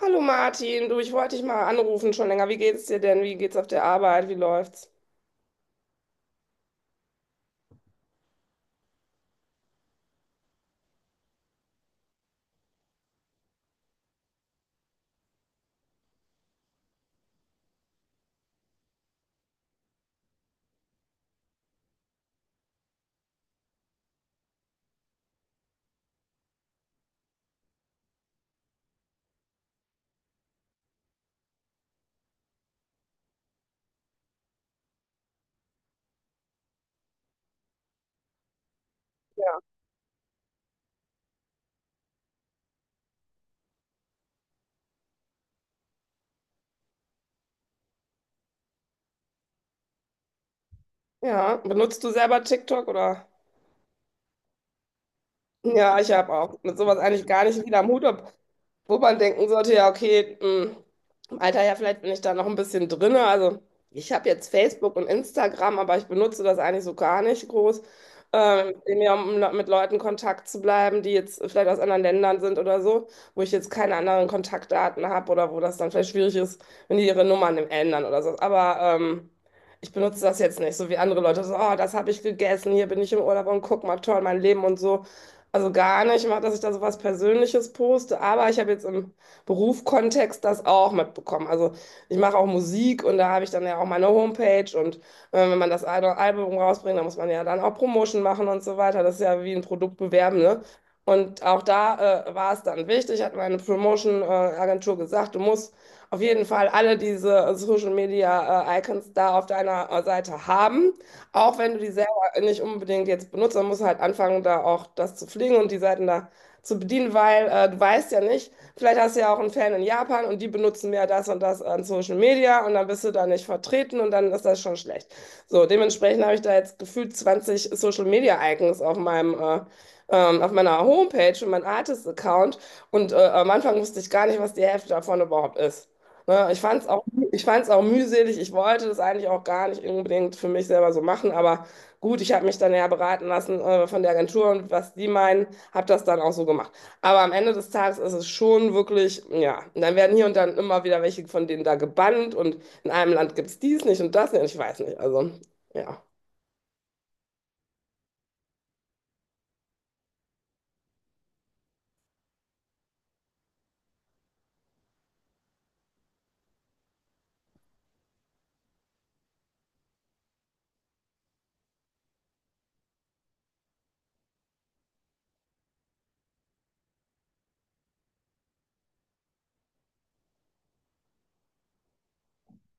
Hallo Martin, du, ich wollte dich mal anrufen schon länger. Wie geht's dir denn? Wie geht's auf der Arbeit? Wie läuft's? Ja, benutzt du selber TikTok oder? Ja, ich habe auch mit sowas eigentlich gar nicht wieder am Hut, ob, wo man denken sollte, ja, okay, mh, im Alter ja, vielleicht bin ich da noch ein bisschen drinne. Also ich habe jetzt Facebook und Instagram, aber ich benutze das eigentlich so gar nicht groß, eben ja, um noch mit Leuten Kontakt zu bleiben, die jetzt vielleicht aus anderen Ländern sind oder so, wo ich jetzt keine anderen Kontaktdaten habe oder wo das dann vielleicht schwierig ist, wenn die ihre Nummern ändern oder so. Aber ich benutze das jetzt nicht, so wie andere Leute so, oh, das habe ich gegessen, hier bin ich im Urlaub und guck mal, toll, mein Leben und so. Also gar nicht, macht, dass ich da so was Persönliches poste, aber ich habe jetzt im Berufskontext das auch mitbekommen. Also ich mache auch Musik und da habe ich dann ja auch meine Homepage und wenn man das Album rausbringt, dann muss man ja dann auch Promotion machen und so weiter. Das ist ja wie ein Produkt bewerben, ne? Und auch da war es dann wichtig, hat meine Promotion-Agentur gesagt, du musst auf jeden Fall alle diese Social Media Icons da auf deiner Seite haben, auch wenn du die nicht unbedingt jetzt benutzt. Man muss halt anfangen, da auch das zu fliegen und die Seiten da zu bedienen, weil du weißt ja nicht, vielleicht hast du ja auch einen Fan in Japan und die benutzen mehr das und das an Social Media und dann bist du da nicht vertreten und dann ist das schon schlecht. So, dementsprechend habe ich da jetzt gefühlt 20 Social Media Icons auf meinem auf meiner Homepage und meinem Artist-Account und am Anfang wusste ich gar nicht, was die Hälfte davon überhaupt ist. Ne, ich fand's auch mühselig. Ich wollte das eigentlich auch gar nicht unbedingt für mich selber so machen, aber gut, ich habe mich dann ja beraten lassen von der Agentur und was die meinen, habe das dann auch so gemacht. Aber am Ende des Tages ist es schon wirklich, ja, und dann werden hier und dann immer wieder welche von denen da gebannt und in einem Land gibt es dies nicht und das nicht und ich weiß nicht. Also, ja.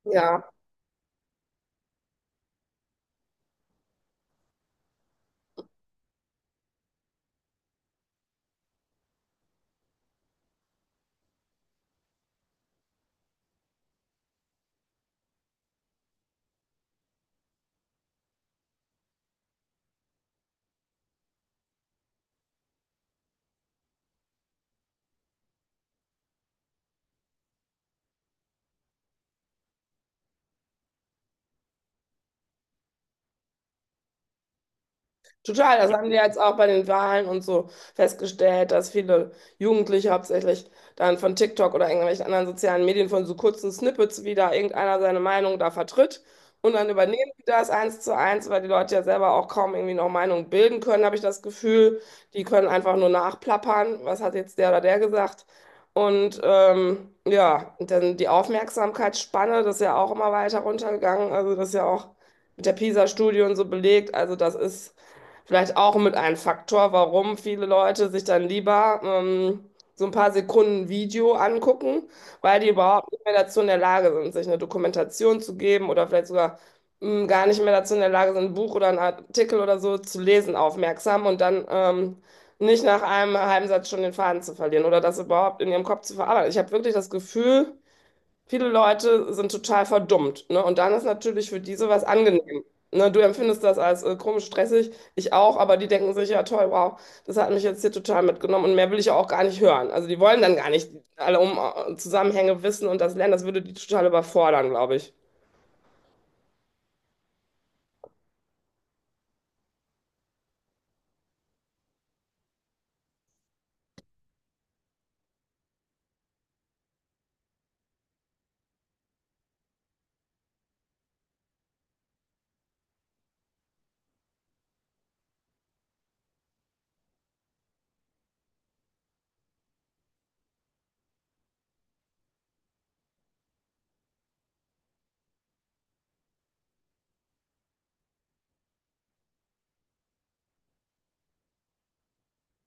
Ja. Total, das haben wir jetzt auch bei den Wahlen und so festgestellt, dass viele Jugendliche hauptsächlich dann von TikTok oder irgendwelchen anderen sozialen Medien von so kurzen Snippets wieder irgendeiner seine Meinung da vertritt. Und dann übernehmen die das eins zu eins, weil die Leute ja selber auch kaum irgendwie noch Meinung bilden können, habe ich das Gefühl. Die können einfach nur nachplappern, was hat jetzt der oder der gesagt. Und ja, und dann die Aufmerksamkeitsspanne, das ist ja auch immer weiter runtergegangen. Also das ist ja auch mit der PISA-Studie und so belegt. Also das ist vielleicht auch mit ein Faktor, warum viele Leute sich dann lieber so ein paar Sekunden Video angucken, weil die überhaupt nicht mehr dazu in der Lage sind, sich eine Dokumentation zu geben oder vielleicht sogar gar nicht mehr dazu in der Lage sind, ein Buch oder einen Artikel oder so zu lesen, aufmerksam, und dann nicht nach einem halben Satz schon den Faden zu verlieren oder das überhaupt in ihrem Kopf zu verarbeiten. Ich habe wirklich das Gefühl, viele Leute sind total verdummt, ne? Und dann ist natürlich für diese was angenehm. Ne? Du empfindest das als komisch stressig, ich auch, aber die denken sich, ja toll, wow, das hat mich jetzt hier total mitgenommen und mehr will ich ja auch gar nicht hören. Also die wollen dann gar nicht alle um Zusammenhänge wissen und das lernen, das würde die total überfordern, glaube ich.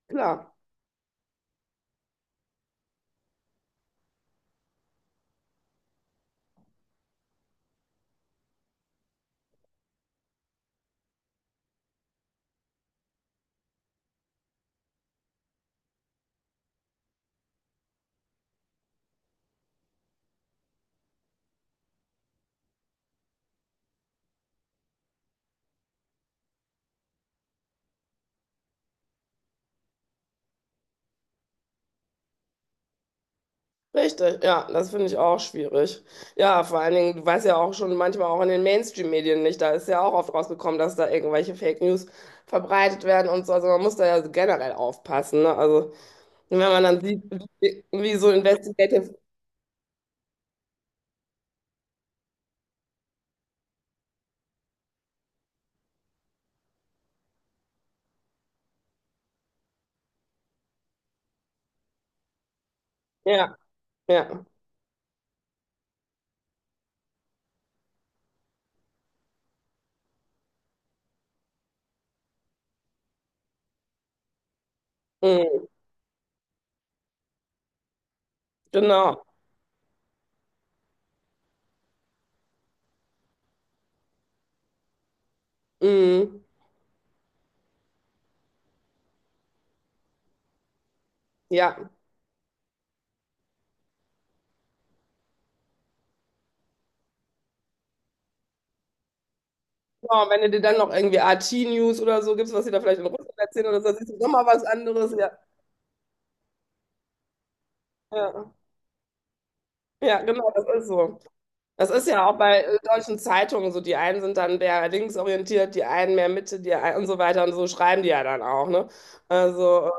Klar. Richtig, ja, das finde ich auch schwierig. Ja, vor allen Dingen, du weißt ja auch schon manchmal auch in den Mainstream-Medien nicht, da ist ja auch oft rausgekommen, dass da irgendwelche Fake News verbreitet werden und so. Also man muss da ja generell aufpassen, ne? Also wenn man dann sieht, wie so Investigative, ja, ja, mm, genau, mm, ja. Ja, und wenn du dir dann noch irgendwie RT-News oder so gibst, was sie da vielleicht in Russland erzählen oder so, dann siehst du nochmal was anderes, ja, ja, ja, genau, das ist so. Das ist ja auch bei deutschen Zeitungen so. Die einen sind dann mehr linksorientiert, die einen mehr Mitte, die einen und so weiter und so schreiben die ja dann auch, ne? Also.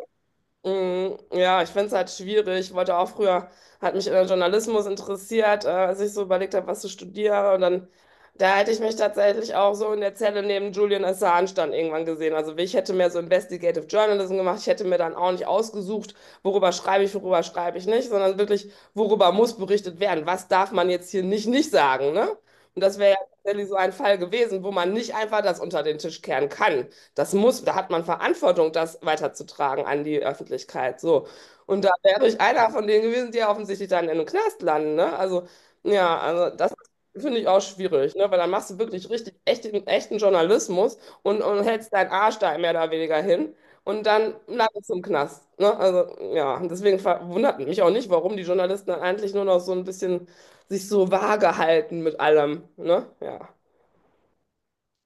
Mm, ja, ich finde es halt schwierig. Ich wollte auch früher, hat mich in den Journalismus interessiert, als ich so überlegt habe, was ich studiere. Und dann, da hätte ich mich tatsächlich auch so in der Zelle neben Julian Assange dann irgendwann gesehen. Also ich hätte mehr so Investigative Journalism gemacht. Ich hätte mir dann auch nicht ausgesucht, worüber schreibe ich nicht, sondern wirklich, worüber muss berichtet werden. Was darf man jetzt hier nicht sagen, ne? Und das wäre ja tatsächlich so ein Fall gewesen, wo man nicht einfach das unter den Tisch kehren kann. Das muss, da hat man Verantwortung, das weiterzutragen an die Öffentlichkeit. So. Und da wäre ich einer von denen gewesen, die ja offensichtlich dann in den Knast landen. Ne? Also, ja, also das finde ich auch schwierig, ne? Weil dann machst du wirklich richtig echten, echten Journalismus und hältst deinen Arsch da mehr oder weniger hin und dann landest du im Knast. Ne? Also, ja, und deswegen verwundert mich auch nicht, warum die Journalisten dann eigentlich nur noch so ein bisschen sich so vage halten mit allem. Ne? Ja.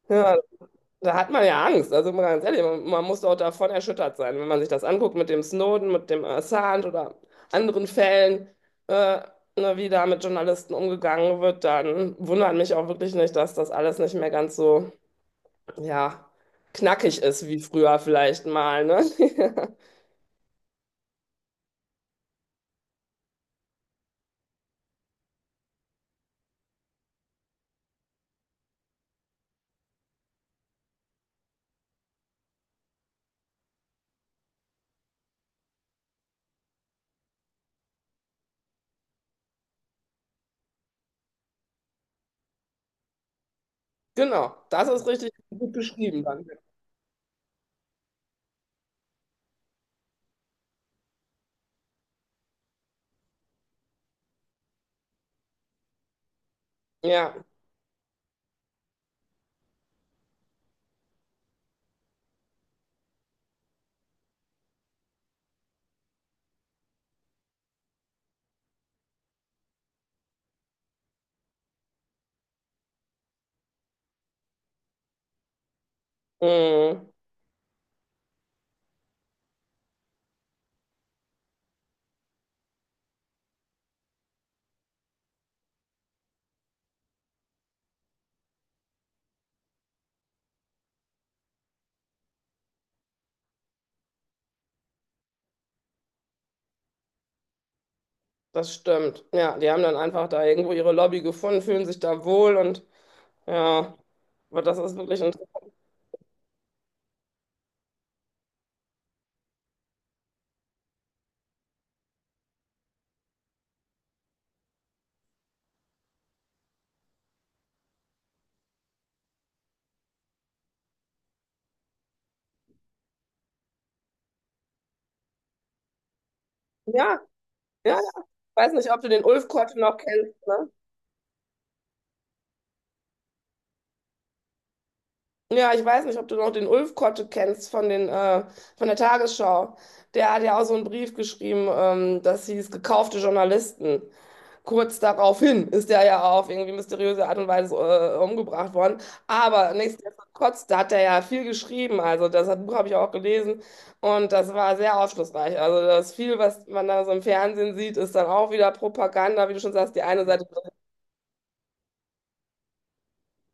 Ja, da hat man ja Angst, also mal ganz ehrlich, man muss auch davon erschüttert sein, wenn man sich das anguckt mit dem Snowden, mit dem Assange oder anderen Fällen, äh, ne, wie da mit Journalisten umgegangen wird, dann wundert mich auch wirklich nicht, dass das alles nicht mehr ganz so, ja, knackig ist wie früher vielleicht mal, ne? Genau, das ist richtig gut beschrieben dann. Ja, mm, das stimmt. Ja, die haben dann einfach da irgendwo ihre Lobby gefunden, fühlen sich da wohl und ja, aber das ist wirklich interessant. Ja. Ja, ja, ich weiß nicht, ob du den Ulf Kotte noch kennst, ne? Ja, ich weiß nicht, ob du noch den Ulf Kotte kennst von von der Tagesschau. Der hat ja auch so einen Brief geschrieben, das hieß gekaufte Journalisten. Kurz daraufhin ist der ja auf irgendwie mysteriöse Art und Weise umgebracht worden. Aber nichtsdestotrotz, da hat er ja viel geschrieben. Also Buch habe ich auch gelesen und das war sehr aufschlussreich. Also das viel, was man da so im Fernsehen sieht, ist dann auch wieder Propaganda, wie du schon sagst, die eine Seite.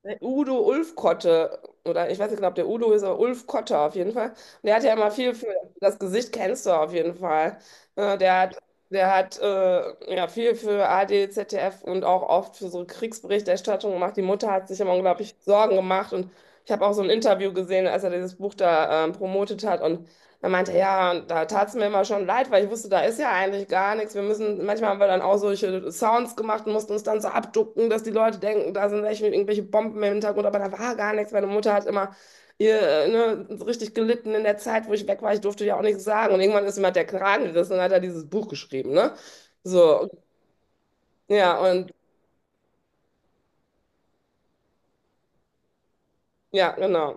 Der Udo Ulfkotte, oder ich weiß nicht genau, ob der Udo ist, aber Ulfkotte auf jeden Fall. Und der hat ja immer viel für das Gesicht kennst du auf jeden Fall. Der hat, ja viel für ARD, ZDF und auch oft für so Kriegsberichterstattung gemacht. Die Mutter hat sich immer unglaublich Sorgen gemacht und ich habe auch so ein Interview gesehen, als er dieses Buch da promotet hat und er meinte, ja, und da tat es mir immer schon leid, weil ich wusste, da ist ja eigentlich gar nichts. Wir müssen, manchmal haben wir dann auch solche Sounds gemacht und mussten uns dann so abducken, dass die Leute denken, da sind echt irgendwelche Bomben im Hintergrund, aber da war gar nichts. Meine Mutter hat immer ne, so richtig gelitten in der Zeit, wo ich weg war. Ich durfte ja auch nichts sagen. Und irgendwann ist mir der Kragen gerissen und hat er dieses Buch geschrieben, ne? So, ja, und ja, genau.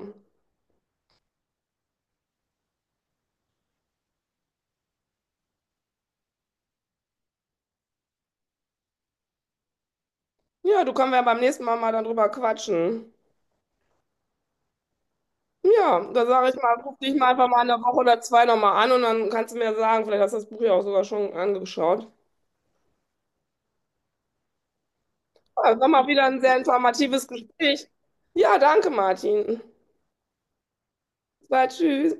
Ja, du können wir beim nächsten Mal mal dann drüber quatschen. Ja, da sage ich mal, ruf dich mal einfach mal in der Woche oder zwei nochmal an und dann kannst du mir sagen, vielleicht hast du das Buch ja auch sogar schon angeschaut. Ja, das war mal wieder ein sehr informatives Gespräch. Ja, danke, Martin. Bis tschüss.